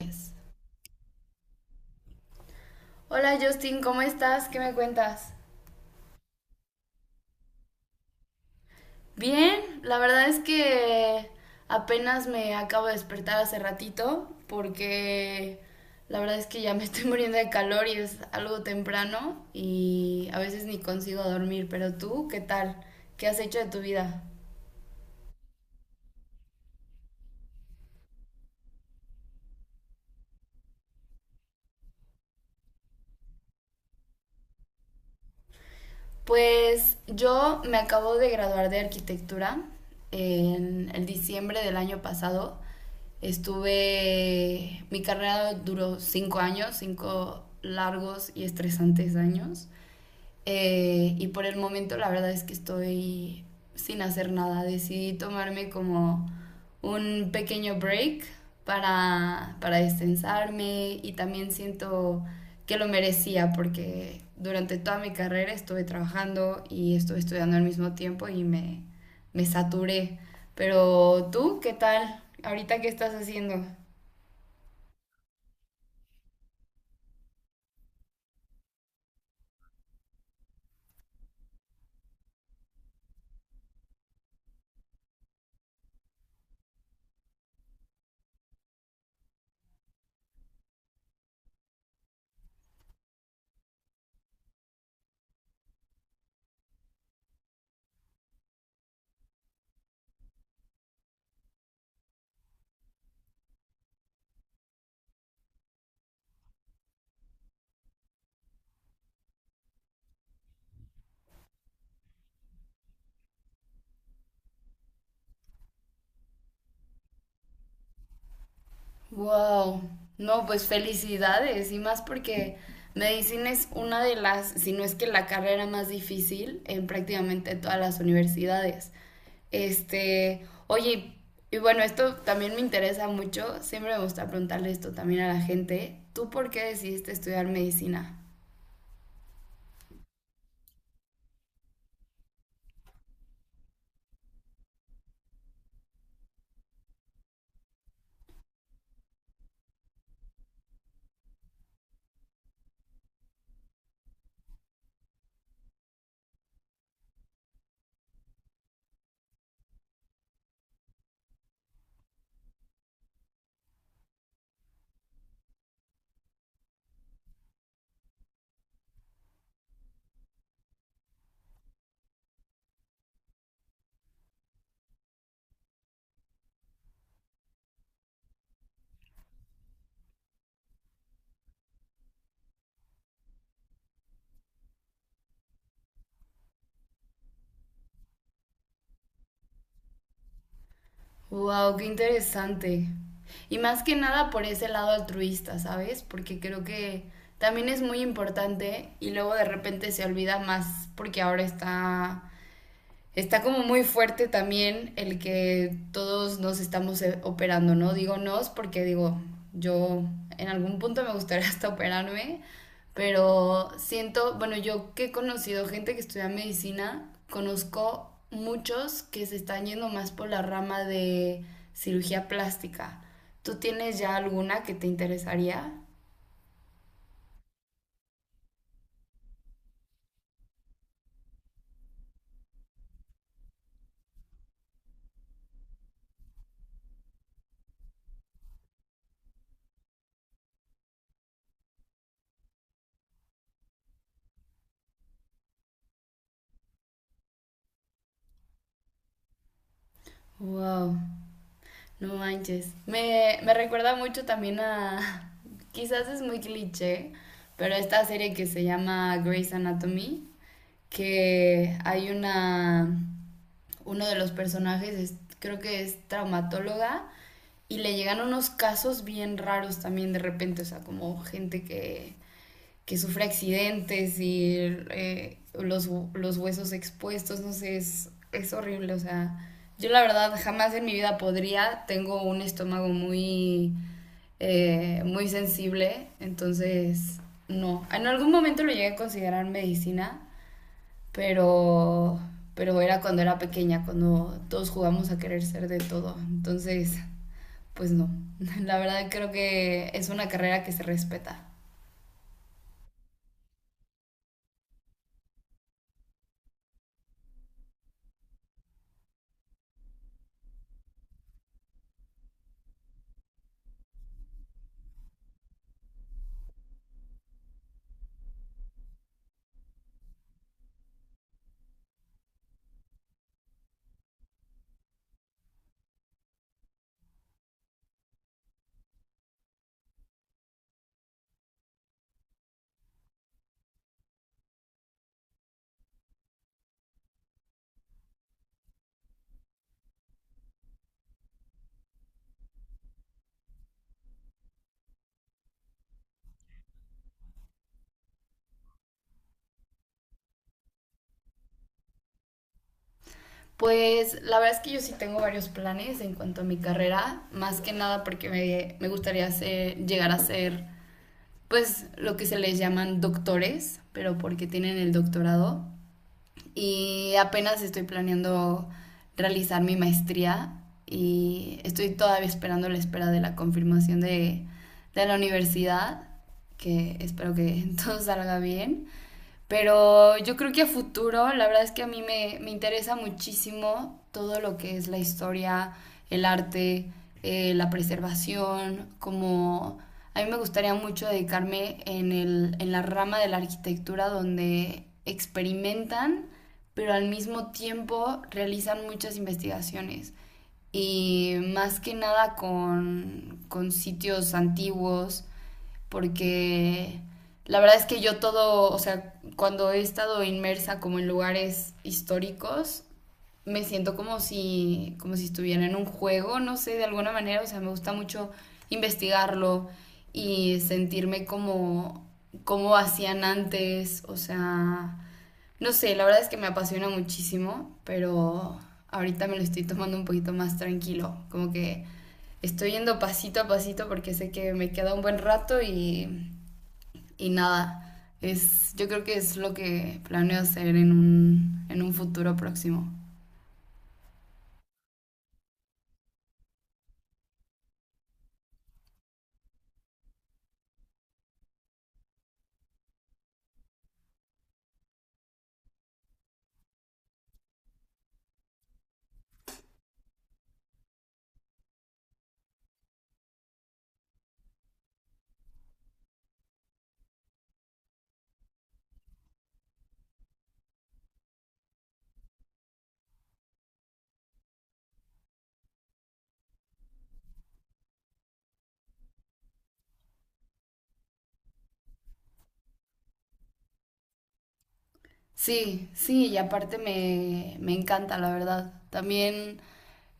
Yes. Hola Justin, ¿cómo estás? ¿Qué me cuentas? Bien, la verdad es que apenas me acabo de despertar hace ratito porque la verdad es que ya me estoy muriendo de calor y es algo temprano y a veces ni consigo dormir, pero tú, ¿qué tal? ¿Qué has hecho de tu vida? Pues yo me acabo de graduar de arquitectura en el diciembre del año pasado. Mi carrera duró cinco años, cinco largos y estresantes años. Y por el momento la verdad es que estoy sin hacer nada. Decidí tomarme como un pequeño break para destensarme y también siento que lo merecía porque durante toda mi carrera estuve trabajando y estuve estudiando al mismo tiempo y me saturé. Pero tú, ¿qué tal? ¿Ahorita qué estás haciendo? Wow. No, pues felicidades y más porque medicina es una de las, si no es que la carrera más difícil en prácticamente todas las universidades. Oye, y bueno, esto también me interesa mucho, siempre me gusta preguntarle esto también a la gente. ¿Tú por qué decidiste estudiar medicina? Wow, qué interesante. Y más que nada por ese lado altruista, ¿sabes? Porque creo que también es muy importante y luego de repente se olvida más porque ahora está como muy fuerte también el que todos nos estamos operando, ¿no? Digo nos porque digo, yo en algún punto me gustaría hasta operarme, pero siento, bueno, yo que he conocido gente que estudia medicina, conozco muchos que se están yendo más por la rama de cirugía plástica. ¿Tú tienes ya alguna que te interesaría? Wow. No manches. Me recuerda mucho también a. Quizás es muy cliché, pero esta serie que se llama Grey's Anatomy, que hay una. Uno de los personajes, creo que es traumatóloga, y le llegan unos casos bien raros también de repente, o sea, como gente que sufre accidentes y los huesos expuestos, no sé, es horrible, o sea, yo la verdad jamás en mi vida podría, tengo un estómago muy, muy sensible, entonces no, en algún momento lo llegué a considerar medicina, pero, pero era cuando era pequeña, cuando todos jugamos a querer ser de todo, entonces, pues no, la verdad creo que es una carrera que se respeta. Pues la verdad es que yo sí tengo varios planes en cuanto a mi carrera, más que nada porque me gustaría llegar a ser, pues, lo que se les llaman doctores, pero porque tienen el doctorado y apenas estoy planeando realizar mi maestría y estoy todavía esperando la espera de la confirmación de la universidad, que espero que todo salga bien. Pero yo creo que a futuro, la verdad es que a mí me interesa muchísimo todo lo que es la historia, el arte, la preservación, como a mí me gustaría mucho dedicarme en la rama de la arquitectura donde experimentan pero al mismo tiempo realizan muchas investigaciones y más que nada con sitios antiguos, porque la verdad es que yo todo, o sea, cuando he estado inmersa como en lugares históricos, me siento como si estuviera en un juego, no sé, de alguna manera, o sea, me gusta mucho investigarlo y sentirme como hacían antes, o sea, no sé, la verdad es que me apasiona muchísimo, pero ahorita me lo estoy tomando un poquito más tranquilo, como que estoy yendo pasito a pasito porque sé que me queda un buen rato y nada, yo creo que es lo que planeo hacer en un futuro próximo. Sí, sí, y aparte me encanta, la verdad. También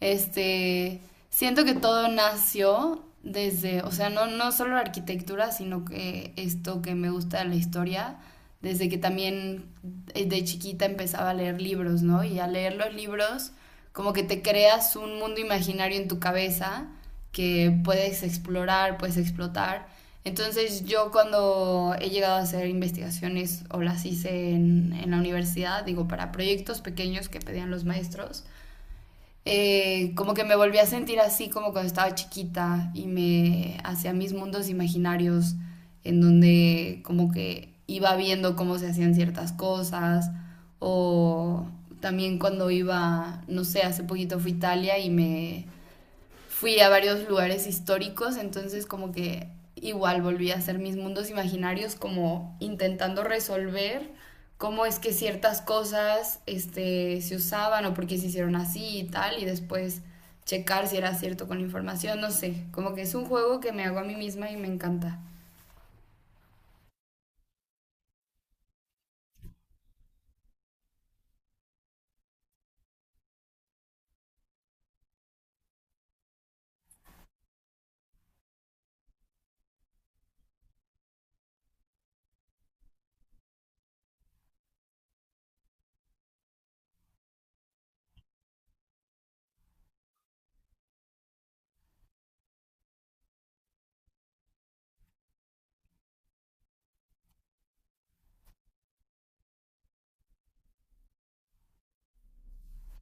Este, Siento que todo nació desde, o sea, no solo la arquitectura, sino que esto que me gusta de la historia, desde que también de chiquita empezaba a leer libros, ¿no? Y al leer los libros, como que te creas un mundo imaginario en tu cabeza que puedes explorar, puedes explotar. Entonces yo cuando he llegado a hacer investigaciones o las hice en la universidad, digo, para proyectos pequeños que pedían los maestros, como que me volví a sentir así como cuando estaba chiquita y me hacía mis mundos imaginarios en donde como que iba viendo cómo se hacían ciertas cosas o también cuando iba, no sé, hace poquito fui a Italia y me fui a varios lugares históricos, entonces como que igual volví a hacer mis mundos imaginarios como intentando resolver cómo es que ciertas cosas se usaban o por qué se hicieron así y tal, y después checar si era cierto con la información, no sé, como que es un juego que me hago a mí misma y me encanta.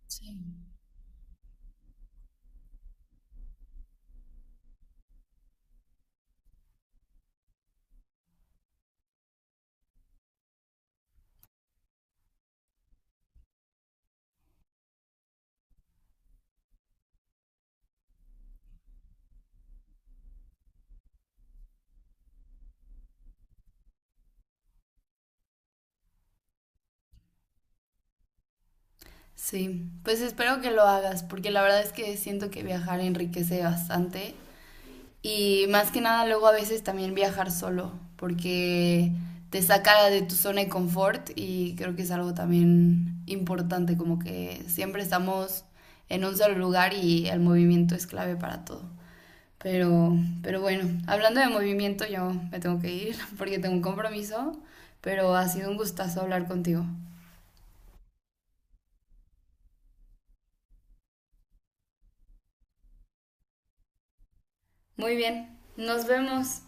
Sí. Sí, pues espero que lo hagas, porque la verdad es que siento que viajar enriquece bastante. Y más que nada, luego a veces también viajar solo, porque te saca de tu zona de confort y creo que es algo también importante, como que siempre estamos en un solo lugar y el movimiento es clave para todo. Pero, pero bueno, hablando de movimiento, yo me tengo que ir porque tengo un compromiso, pero ha sido un gustazo hablar contigo. Muy bien, nos vemos.